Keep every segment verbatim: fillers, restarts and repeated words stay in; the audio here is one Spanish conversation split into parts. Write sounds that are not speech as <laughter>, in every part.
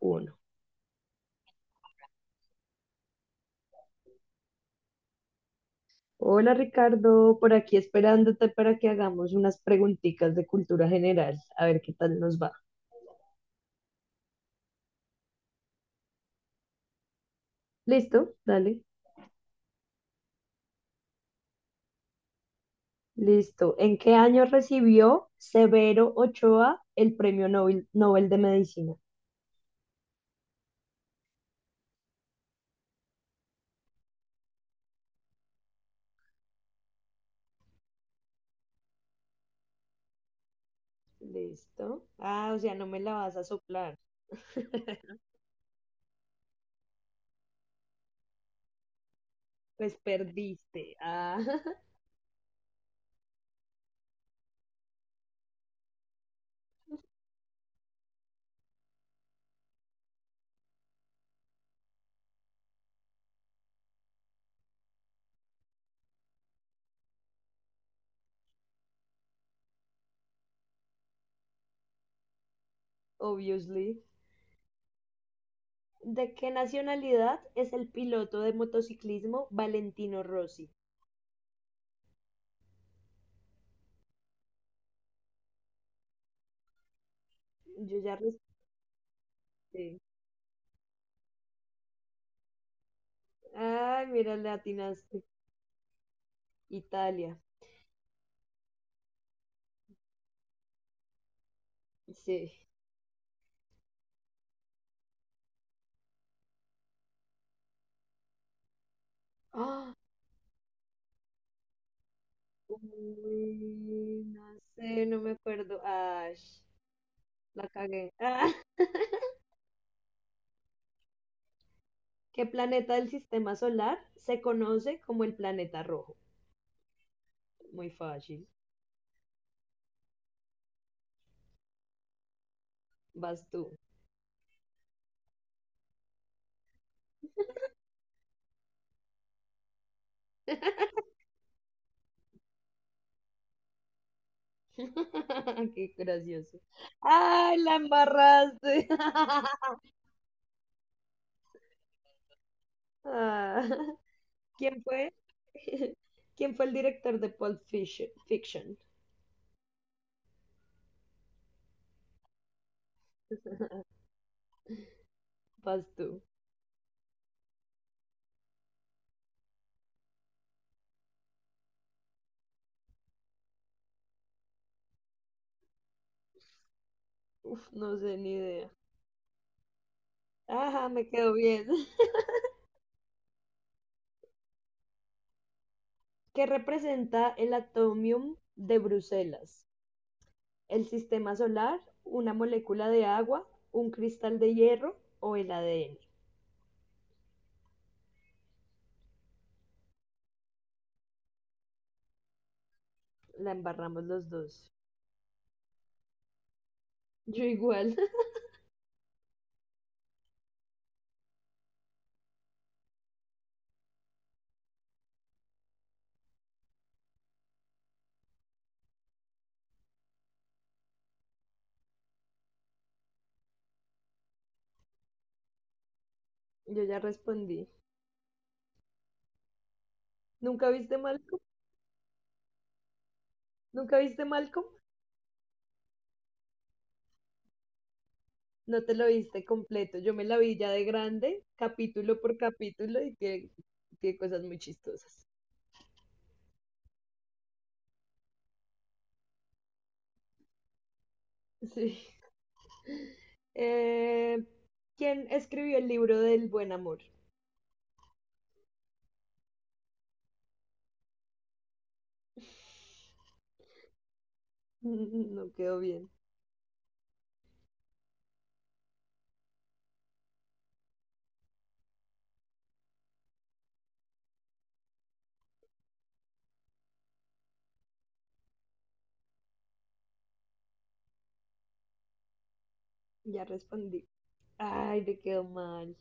Uno. Hola Ricardo, por aquí esperándote para que hagamos unas preguntitas de cultura general, a ver qué tal nos va. ¿Listo? Dale. Listo. ¿En qué año recibió Severo Ochoa el Premio Nobel, Nobel de Medicina? Listo. Ah, o sea, no me la vas a soplar. <laughs> Pues perdiste. Ah, <laughs> obviously. ¿De qué nacionalidad es el piloto de motociclismo Valentino Rossi? Yo ya respondí. Ay, mira, le atinaste. Italia. Sí. Ah, uy, no sé, no me acuerdo. Ay, la cagué. Ah, <laughs> ¿qué planeta del sistema solar se conoce como el planeta rojo? Muy fácil. Vas tú. <laughs> Qué gracioso. Ay, la embarraste. <laughs> Ah, ¿quién fue? <laughs> ¿Quién fue el director de Pulp Fiction? Fiction. Vas tú. Uf, no sé ni idea. Ajá, me quedó bien. <laughs> ¿Qué representa el atomium de Bruselas? ¿El sistema solar, una molécula de agua, un cristal de hierro o el A D N? La embarramos los dos. Yo igual, <laughs> yo ya respondí. ¿Nunca viste Malcolm? ¿Nunca viste Malcolm? No te lo viste completo. Yo me la vi ya de grande, capítulo por capítulo, y tiene, tiene cosas muy chistosas. Sí. <laughs> Eh, ¿quién escribió el libro del buen amor? <laughs> Mm, no quedó bien. Ya respondí. Ay, me quedó mal.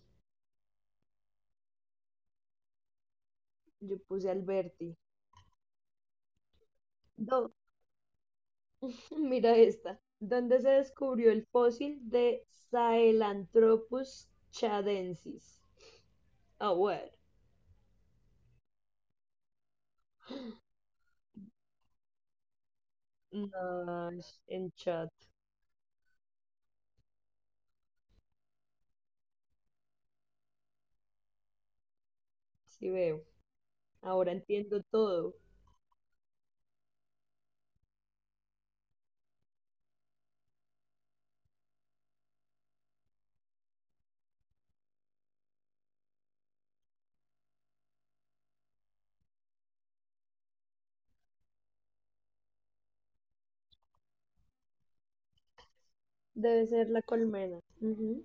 Yo puse Alberti. Do- <laughs> Mira esta. ¿Dónde se descubrió el fósil de Sahelanthropus chadensis? Ah, bueno. No, en chat. Sí veo. Ahora entiendo todo. Debe ser la colmena. Ujú.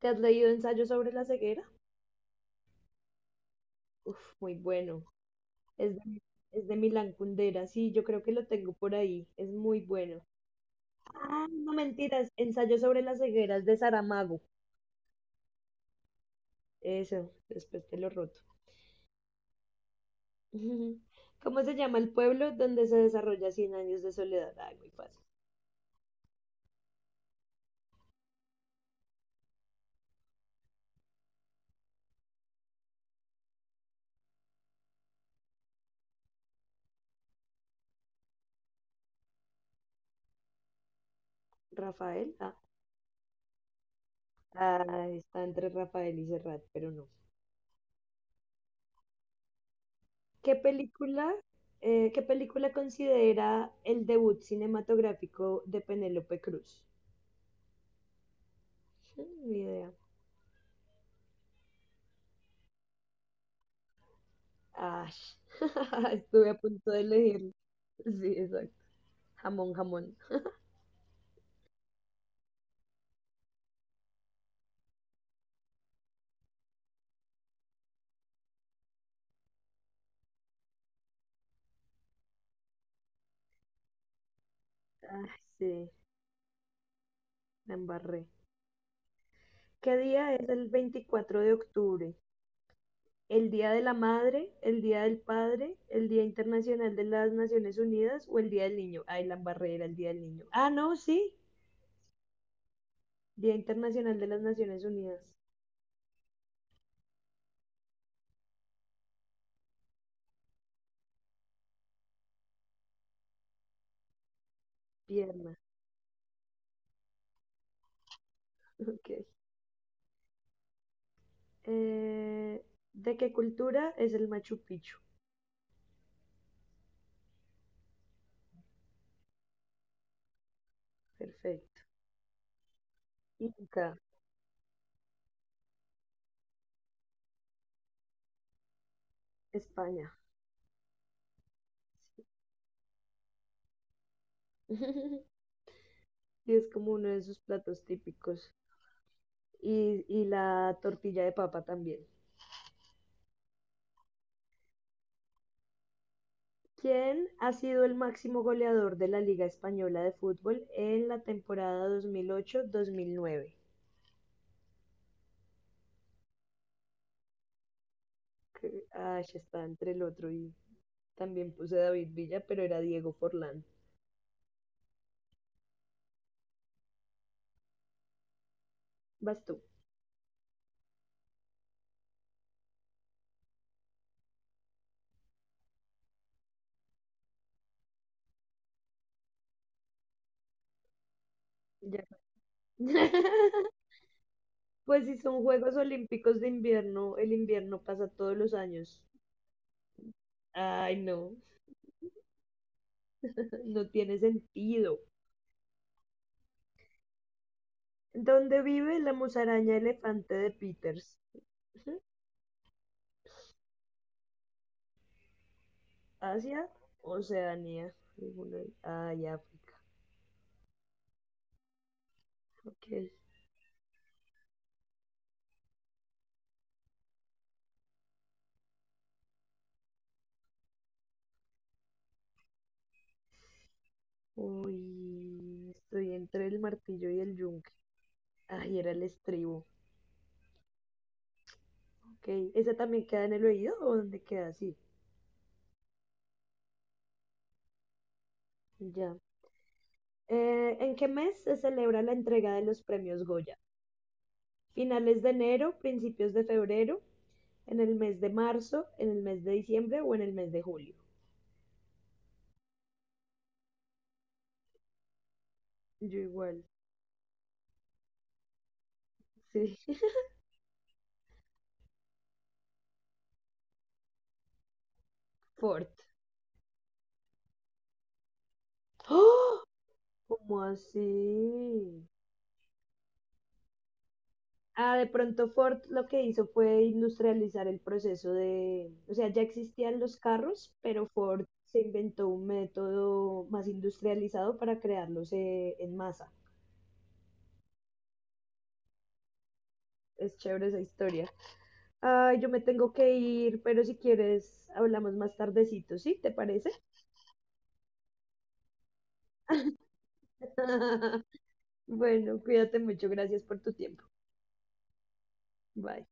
¿Te has leído Ensayo sobre la ceguera? Uf, muy bueno. Es de, es de Milan Kundera. Sí, yo creo que lo tengo por ahí. Es muy bueno. Ah, no mentiras, ensayo sobre las cegueras de Saramago. Eso, después te lo roto. <laughs> ¿Cómo se llama el pueblo donde se desarrolla Cien años de soledad? Ah, muy fácil. Rafael. Ah, ah, está entre Rafael y Serrat, pero no. ¿Qué película, eh, qué película considera el debut cinematográfico de Penélope Cruz? Mm, ni idea. Ah, <laughs> estuve a punto de elegirlo. Sí, exacto. Jamón, jamón. Ah, sí, la embarré. ¿Qué día es el veinticuatro de octubre? ¿El Día de la Madre, el Día del Padre, el Día Internacional de las Naciones Unidas o el Día del Niño? Ay, la barrera, el Día del Niño. Ah, no, sí. Día Internacional de las Naciones Unidas. Pierna. <laughs> Ok. Eh, ¿de qué cultura es el Machu Picchu? Perfecto. Inca, España. <laughs> Sí, es como uno de sus platos típicos. Y, y la tortilla de papa también. ¿Quién ha sido el máximo goleador de la Liga española de fútbol en la temporada dos mil ocho-dos mil nueve? Que, ah, ya está entre el otro y también puse David Villa, pero era Diego Forlán. Vas tú. Ya. <laughs> Pues si son Juegos Olímpicos de invierno, el invierno pasa todos los años. Ay, no, <laughs> no tiene sentido. ¿Dónde vive la musaraña elefante de Peters? <laughs> ¿Asia? Oceanía. Ninguna- de- Ay, África. Ok. Uy, estoy entre el martillo y el yunque. Ay, era el estribo. Ok. ¿Esa también queda en el oído o dónde queda? Sí, ya. Eh, ¿en qué mes se celebra la entrega de los premios Goya? ¿Finales de enero, principios de febrero, en el mes de marzo, en el mes de diciembre o en el mes de julio? Yo igual. Sí. <laughs> Fort. ¡Oh! ¿Cómo así? Ah, de pronto Ford lo que hizo fue industrializar el proceso de, o sea, ya existían los carros, pero Ford se inventó un método más industrializado para crearlos eh, en masa. Es chévere esa historia. Ay, yo me tengo que ir, pero si quieres hablamos más tardecito, ¿sí? ¿Te parece? <laughs> Bueno, cuídate mucho, gracias por tu tiempo. Bye.